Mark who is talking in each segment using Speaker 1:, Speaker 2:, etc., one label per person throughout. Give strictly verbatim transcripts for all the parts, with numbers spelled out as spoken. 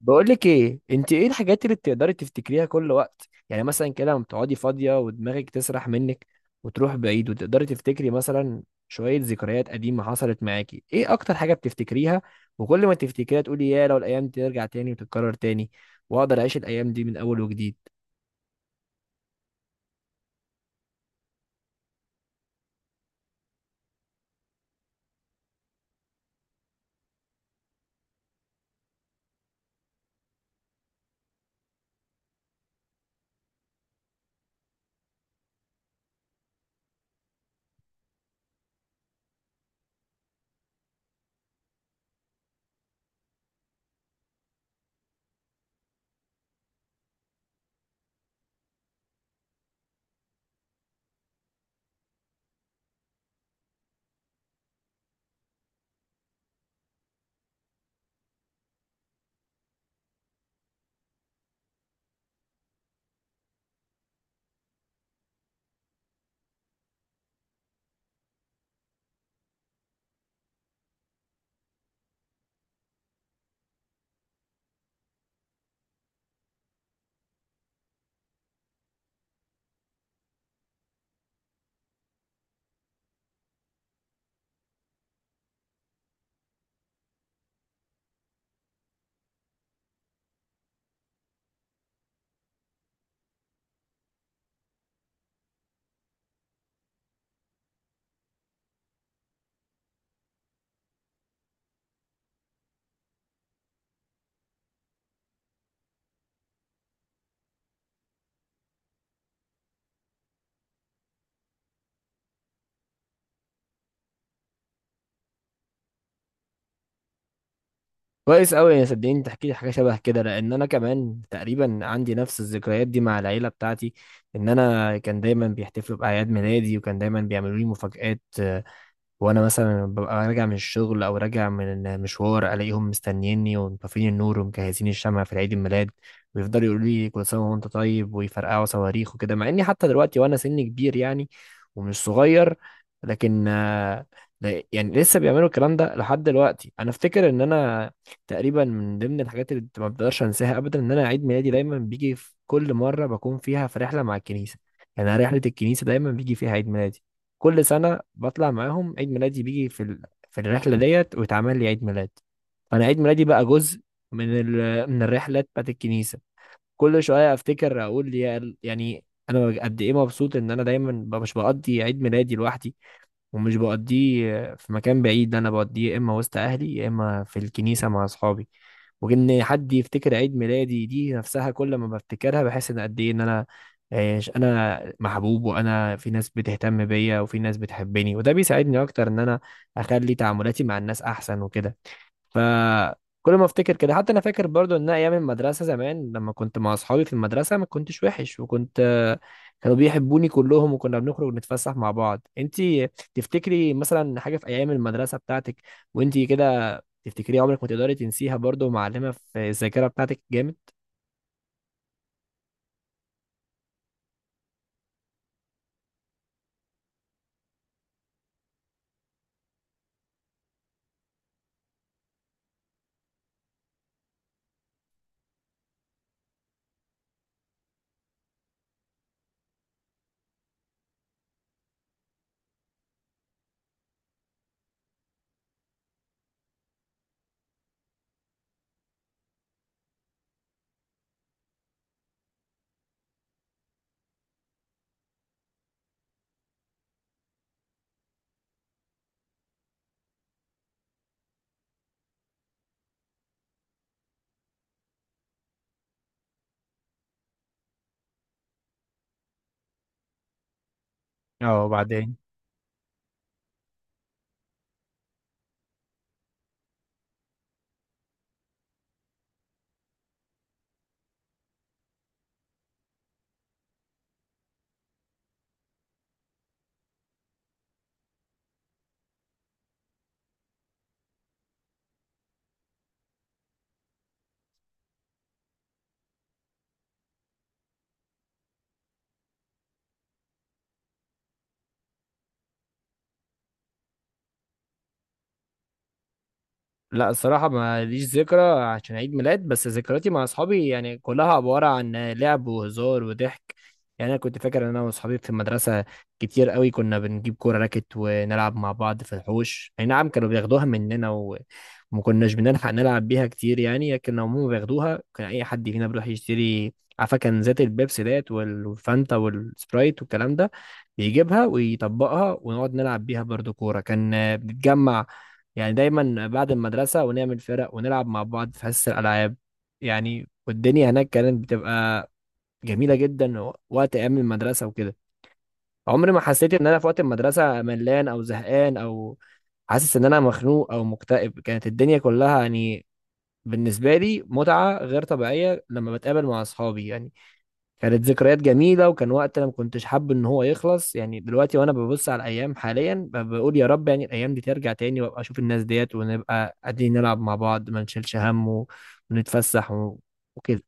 Speaker 1: بقولك ايه، انت ايه الحاجات اللي بتقدري تفتكريها كل وقت؟ يعني مثلا كده لما بتقعدي فاضية ودماغك تسرح منك وتروح بعيد وتقدري تفتكري مثلا شوية ذكريات قديمة حصلت معاكي. ايه اكتر حاجة بتفتكريها وكل ما تفتكريها تقولي يا لو الايام دي ترجع تاني وتتكرر تاني واقدر اعيش الايام دي من اول وجديد. كويس قوي يا صدقيني، تحكي لي حاجة شبه كده، لان انا كمان تقريبا عندي نفس الذكريات دي مع العيلة بتاعتي. ان انا كان دايما بيحتفلوا باعياد ميلادي وكان دايما بيعملوا لي مفاجآت. وانا مثلا ببقى راجع من الشغل او راجع من مشوار الاقيهم مستنيني ومطفين النور ومجهزين الشمع في عيد الميلاد، ويفضلوا يقولوا لي كل سنه وانت طيب ويفرقعوا صواريخ وكده، مع اني حتى دلوقتي وانا سني كبير يعني ومش صغير. لكن آه، لا- يعني لسه بيعملوا الكلام ده لحد دلوقتي. انا افتكر ان انا تقريبا من ضمن الحاجات اللي ما بقدرش انساها ابدا ان انا عيد ميلادي دايما بيجي في كل مره بكون فيها في رحله مع الكنيسه. يعني أنا رحله الكنيسه دايما بيجي فيها عيد ميلادي، كل سنة بطلع معاهم عيد ميلادي بيجي في ال... في الرحلة ديت ويتعمل لي عيد ميلاد. فأنا عيد ميلادي بقى جزء من ال... من الرحلات بتاعت الكنيسة. كل شوية أفتكر أقول يا ال- يعني أنا قد إيه مبسوط إن أنا دايما ب- مش بقضي عيد ميلادي لوحدي ومش بقضيه في مكان بعيد، أنا بقضيه يا إما وسط أهلي يا إما في الكنيسة مع أصحابي. وان حد يفتكر عيد ميلادي دي نفسها كل ما بفتكرها بحس ان قد ايه ان انا آه، انا محبوب وانا في ناس بتهتم بيا وفي ناس بتحبني، وده بيساعدني اكتر ان انا اخلي تعاملاتي مع الناس احسن وكده. فكل ما افتكر كده حتى انا فاكر برضو ان أنا ايام المدرسه زمان لما كنت مع اصحابي في المدرسه ما كنتش وحش، وكنت كانوا بيحبوني كلهم وكنا بنخرج نتفسح مع بعض. انتي تفتكري مثلا حاجه في ايام المدرسه بتاعتك وانتي كده تفتكريها عمرك ما تقدري تنسيها برضو، معلمه في الذاكره بتاعتك جامد؟ اه وبعدين، لا الصراحة ما ليش ذكرى عشان عيد ميلاد، بس ذكرياتي مع أصحابي يعني كلها عبارة عن لعب وهزار وضحك. يعني أنا كنت فاكر إن أنا وأصحابي في المدرسة كتير قوي كنا بنجيب كورة راكت ونلعب مع بعض في الحوش. أي نعم كانوا بياخدوها مننا و- وما كناش بنلحق نلعب بيها كتير يعني، لكن هم بياخدوها. كان أي حد فينا بيروح يشتري، عارفة، كان ذات البيبسي ديت والفانتا والسبرايت والكلام ده، بيجيبها ويطبقها ونقعد نلعب بيها برضو كورة. كان بنتجمع يعني دايما بعد المدرسة ونعمل فرق ونلعب مع بعض في حصة الألعاب. يعني والدنيا هناك كانت بتبقى جميلة جدا و- وقت أيام المدرسة وكده. عمري ما حسيت إن أنا في وقت المدرسة ملان أو زهقان أو حاسس إن أنا مخنوق أو مكتئب. كانت الدنيا كلها يعني بالنسبة لي متعة غير طبيعية لما بتقابل مع أصحابي يعني. كانت ذكريات جميلة وكان وقت أنا ما كنتش حابب إن هو يخلص. يعني دلوقتي وأنا ببص على الأيام حاليا ب- بقول يا رب يعني الأيام دي ترجع تاني وأبقى أشوف الناس ديت ونبقى قاعدين نلعب مع بعض ما نشيلش هم و- ونتفسح و- وكده.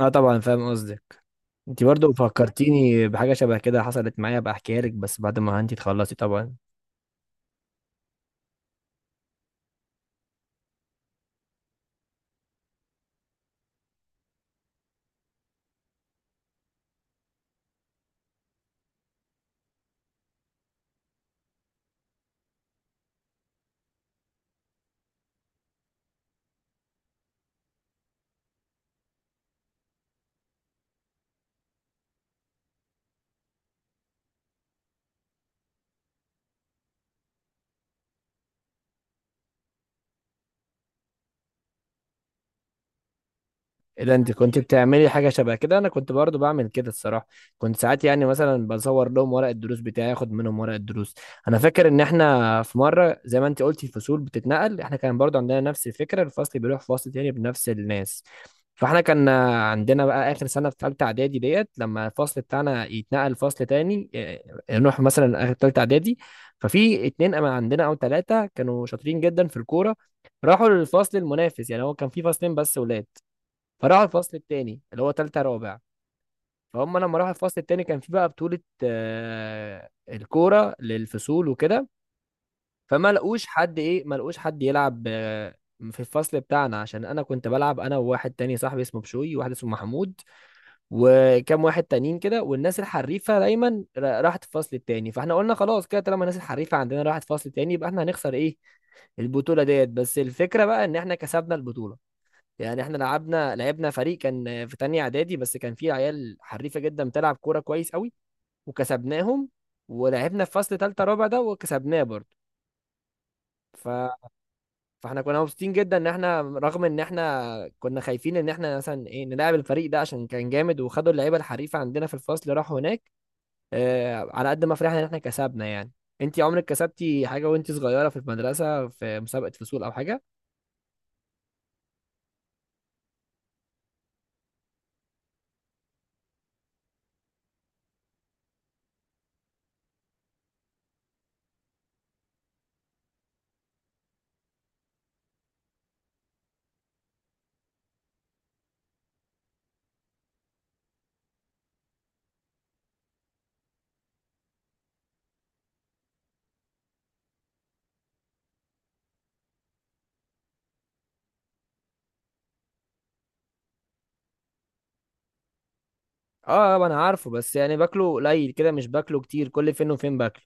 Speaker 1: أه طبعا فاهم قصدك. أنت برضو فكرتيني بحاجة شبه كده حصلت معايا، بقى أحكيها لك بس بعد ما أنت تخلصي طبعا. إيه ده، انت كنت بتعملي حاجه شبه كده؟ انا كنت برضو بعمل كده الصراحه، كنت ساعات يعني مثلا بصور لهم ورق الدروس بتاعي، اخد منهم ورق الدروس. انا فاكر ان احنا في مره زي ما انت قلتي الفصول بتتنقل، احنا كان برضو عندنا نفس الفكره، الفصل بيروح فصل تاني بنفس الناس. فاحنا كان عندنا بقى اخر سنه في ثالثه اعدادي ديت، لما الفصل بتاعنا يتنقل فصل تاني إيه، نروح مثلا اخر ثالثه اعدادي. ففي اتنين أما عندنا او ثلاثه كانوا شاطرين جدا في الكوره، راحوا للفصل المنافس. يعني هو كان في فصلين بس ولاد، فراحوا الفصل التاني اللي هو تالتة رابع. فهم لما راحوا الفصل التاني كان في بقى بطولة آه، الكورة للفصول وكده. فما لقوش حد ايه، ما لقوش حد يلعب آه، في الفصل بتاعنا، عشان انا كنت بلعب انا وواحد تاني صاحبي اسمه بشوي وواحد اسمه محمود وكام واحد تانيين كده. والناس الحريفة دايما را- راحت الفصل التاني، فاحنا قلنا خلاص كده طالما الناس الحريفة عندنا راحت الفصل التاني يبقى احنا هنخسر ايه البطولة ديت. بس الفكرة بقى ان احنا كسبنا البطولة. يعني احنا لعبنا لعبنا فريق كان في تانية اعدادي بس كان فيه عيال حريفة جدا بتلعب كورة كويس قوي وكسبناهم، ولعبنا في فصل تالتة رابع ده وكسبناه برضه. ف... فاحنا كنا مبسوطين جدا ان احنا رغم ان احنا كنا خايفين ان احنا مثلا ايه نلعب الفريق ده عشان كان جامد وخدوا اللعيبة الحريفة عندنا في الفصل راحوا هناك. اه على قد ما فرحنا ان احنا كسبنا يعني. انتي عمرك كسبتي حاجة وانتي صغيرة في المدرسة في مسابقة فصول او حاجة؟ اه. آه، انا عارفه، بس يعني باكله قليل كده مش باكله كتير، كل فين وفين باكله.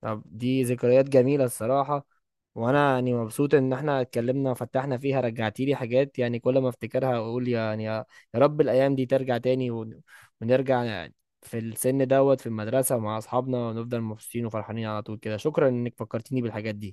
Speaker 1: طب دي ذكريات جميلة الصراحة، وانا يعني مبسوط ان احنا اتكلمنا وفتحنا فيها، رجعتي لي حاجات يعني كل ما افتكرها اقول يعني يا يا رب الايام دي ترجع تاني ون- ونرجع يعني في السن دوت في المدرسة مع اصحابنا ونفضل مبسوطين وفرحانين على طول كده. شكرا انك فكرتيني بالحاجات دي.